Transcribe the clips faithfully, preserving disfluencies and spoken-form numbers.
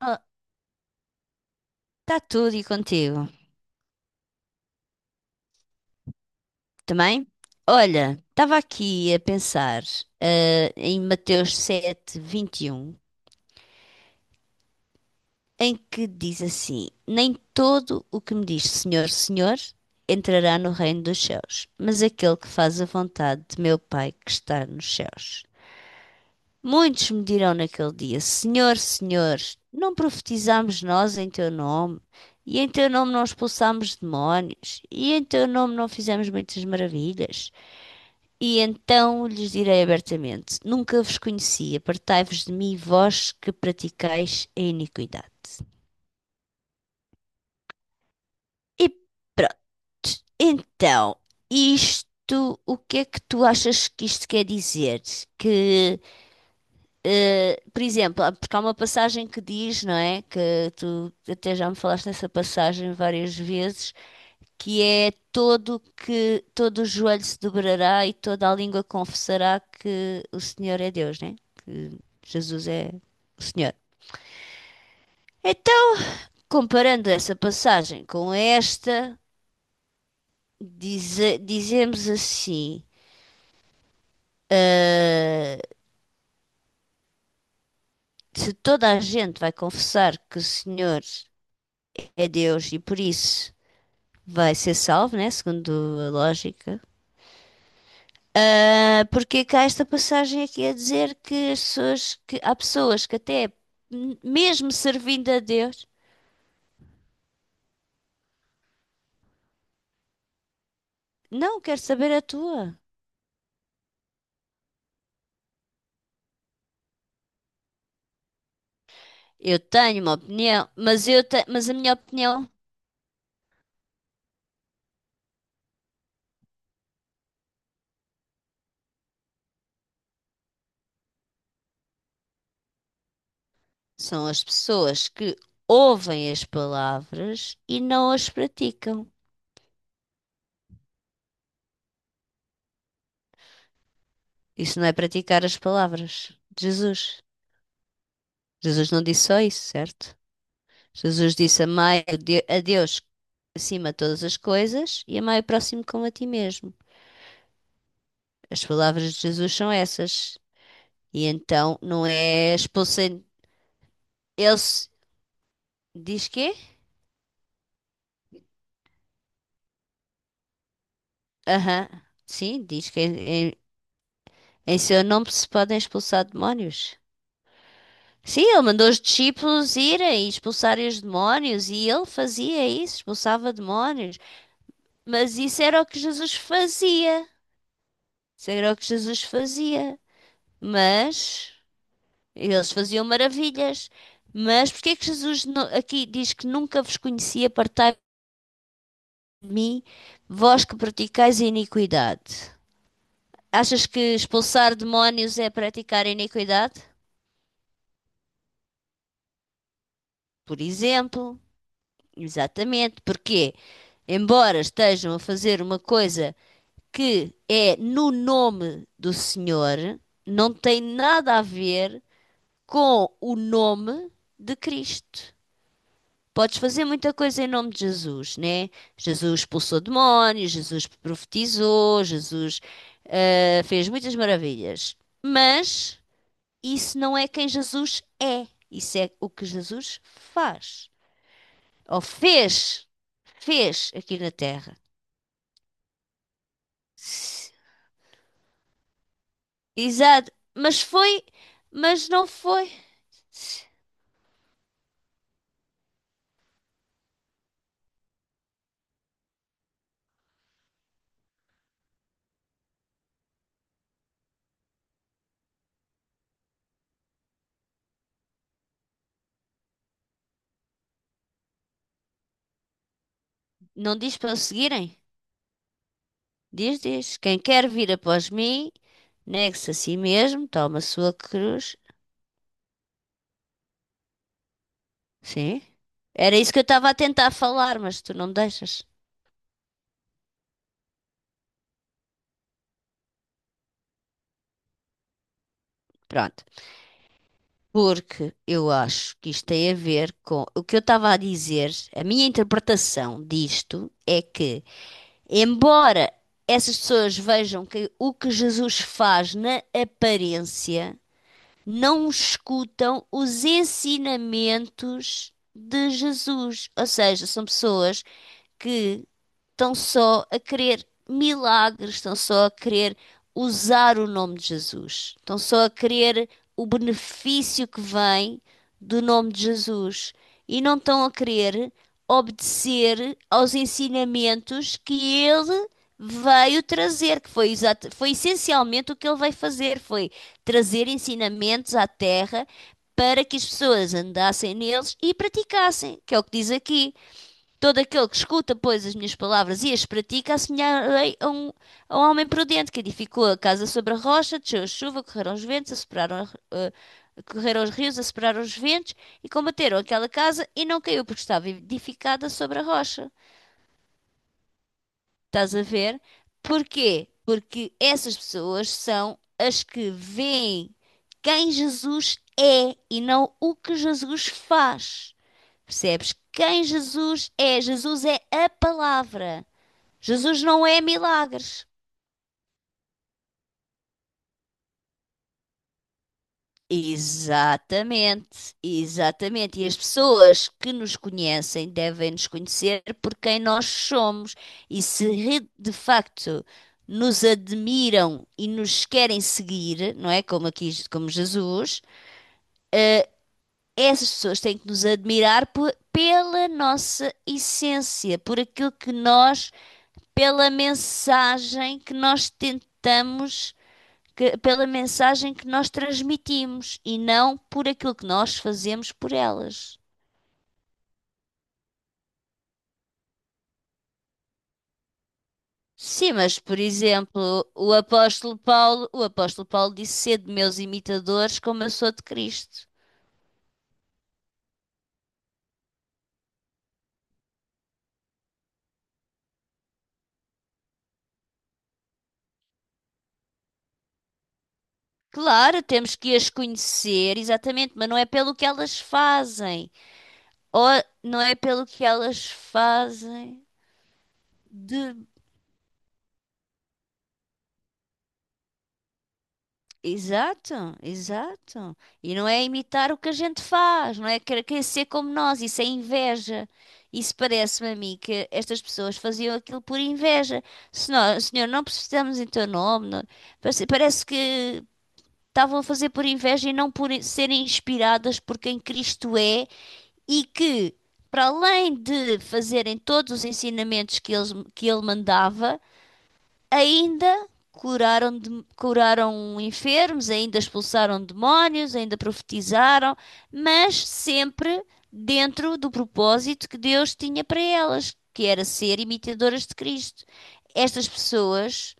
Está tudo e contigo também? Olha, estava aqui a pensar ah, em Mateus sete vinte e um, em que diz assim: "Nem todo o que me diz Senhor, Senhor entrará no reino dos céus, mas aquele que faz a vontade de meu Pai que está nos céus. Muitos me dirão naquele dia: Senhor, Senhor, não profetizámos nós em teu nome? E em teu nome não expulsámos demónios? E em teu nome não fizemos muitas maravilhas? E então lhes direi abertamente: Nunca vos conheci, apartai-vos de mim, vós que praticais a iniquidade." E pronto, então, isto, o que é que tu achas que isto quer dizer? Que, eh, por exemplo, há- porque há uma passagem que diz, não é? Que tu até já me falaste nessa passagem várias vezes, que é todo que todo o joelho se dobrará e toda a língua confessará que o Senhor é Deus, né? Que Jesus é o Senhor. Então, comparando essa passagem com esta, dize- dizemos assim: ah, se toda a gente vai confessar que o Senhor é Deus e por isso vai ser salvo, né? Segundo a lógica. Ah, porque cá esta passagem aqui a dizer que as pessoas que há pessoas que até m- mesmo servindo a Deus, não quero saber a tua. Eu tenho uma opinião, mas eu te- mas a minha opinião são as pessoas que ouvem as palavras e não as praticam. Isso não é praticar as palavras de Jesus. Jesus não disse só isso, certo? Jesus disse amai o de- a Deus acima de todas as coisas e amai o próximo como a ti mesmo. As palavras de Jesus são essas. E então não é expulsem. Ele se- Diz que? Aham. Sim, diz que em, em seu nome se podem expulsar demónios. Sim, ele mandou os discípulos irem e expulsarem os demónios e ele fazia isso, expulsava demónios. Mas isso era o que Jesus fazia. Isso era o que Jesus fazia. Mas eles faziam maravilhas. Mas porque é que Jesus nu- aqui diz que nunca vos conhecia, partai mim, vós que praticais a iniquidade. Achas que expulsar demónios é praticar a iniquidade? Por exemplo, exatamente, porque, embora estejam a fazer uma coisa que é no nome do Senhor, não tem nada a ver com o nome de Cristo. Podes fazer muita coisa em nome de Jesus, né? Jesus expulsou demónios, Jesus profetizou, Jesus ah, fez muitas maravilhas. Mas isso não é quem Jesus é. Isso é o que Jesus faz. Ou fez. Fez aqui na Terra. Exato. Mas foi. Mas não foi. Não diz para o seguirem. Diz, diz. Quem quer vir após mim, negue-se a si mesmo, toma a sua cruz. Sim. Era isso que eu estava a tentar falar, mas tu não me deixas. Pronto. Porque eu acho que isto tem a ver com o que eu estava a dizer, a minha interpretação disto é que, embora essas pessoas vejam que o que Jesus faz na aparência, não escutam os ensinamentos de Jesus. Ou seja, são pessoas que estão só a querer milagres, estão só a querer usar o nome de Jesus, estão só a querer o benefício que vem do nome de Jesus e não estão a querer obedecer aos ensinamentos que ele veio trazer, que foi, exata- foi essencialmente o que ele veio fazer, foi trazer ensinamentos à Terra para que as pessoas andassem neles e praticassem, que é o que diz aqui. Todo aquele que escuta, pois, as minhas palavras e as pratica, assemelharei a um, a um homem prudente que edificou a casa sobre a rocha, desceu a chuva, correram os ventos, assoperaram, eh, correram os rios, assoperaram os ventos e combateram aquela casa e não caiu porque estava edificada sobre a rocha. Estás a ver? Porquê? Porque essas pessoas são as que veem quem Jesus é e não o que Jesus faz. Percebes? Quem Jesus é? Jesus é a palavra. Jesus não é milagres. Exatamente, exatamente. E as pessoas que nos conhecem devem nos conhecer por quem nós somos. E se re- de facto nos admiram e nos querem seguir, não é? Como aqui, como Jesus, essas pessoas têm que nos admirar pe- pela nossa essência, por aquilo que nós, pela mensagem que nós tentamos que- pela mensagem que nós transmitimos e não por aquilo que nós fazemos por elas. Sim, mas por exemplo, o apóstolo Paulo, o apóstolo Paulo disse sede meus imitadores como eu sou de Cristo. Claro, temos que as conhecer, exatamente, mas não é pelo que elas fazem. Ou não é pelo que elas fazem. De Exato, exato. E não é imitar o que a gente faz, não é querer querer ser como nós, isso é inveja. Isso parece-me a mim que estas pessoas faziam aquilo por inveja. Senhor, senhor, não precisamos em teu nome. não- Parece, parece que estavam a fazer por inveja e não por serem inspiradas por quem Cristo é e que, para além de fazerem todos os ensinamentos que eles- que ele mandava. Ainda curaram, de- curaram enfermos, ainda expulsaram demónios, ainda profetizaram, mas sempre dentro do propósito que Deus tinha para elas, que era ser imitadoras de Cristo. Estas pessoas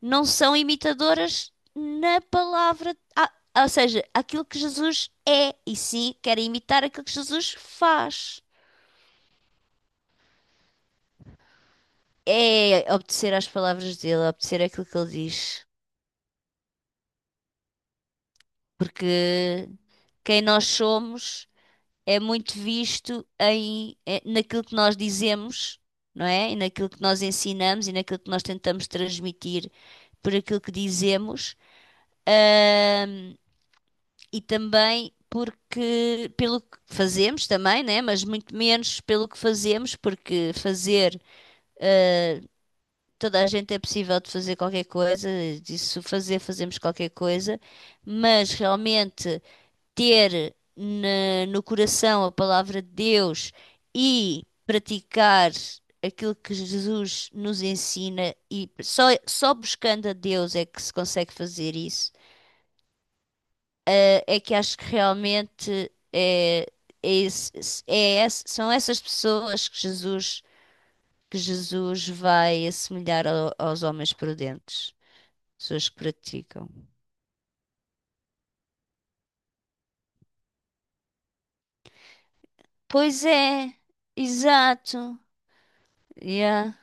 não são imitadoras na palavra, ah, ou seja, aquilo que Jesus é, e sim querem imitar aquilo que Jesus faz. É obedecer às palavras dele, obedecer àquilo que ele diz. Porque quem nós somos é muito visto em, eh, naquilo que nós dizemos, não é? E naquilo que nós ensinamos e naquilo que nós tentamos transmitir por aquilo que dizemos, ahm, e também porque pelo que fazemos também, né? Mas muito menos pelo que fazemos, porque fazer toda a gente é possível de fazer qualquer coisa, disso fazer, fazemos qualquer coisa, mas realmente ter na- no coração a palavra de Deus e praticar aquilo que Jesus nos ensina, e só, só buscando a Deus é que se consegue fazer isso. Eh, É que acho que realmente é, é esse- é esse- são essas pessoas que Jesus, que Jesus vai assemelhar ao- aos homens prudentes, pessoas que praticam. Pois é, exato. Yeah.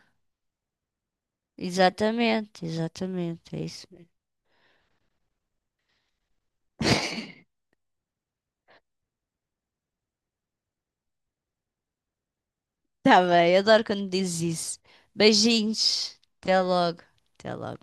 Exatamente, exatamente, é isso mesmo. Tá bem, adoro quando dizes isso. Beijinhos, até logo, até logo.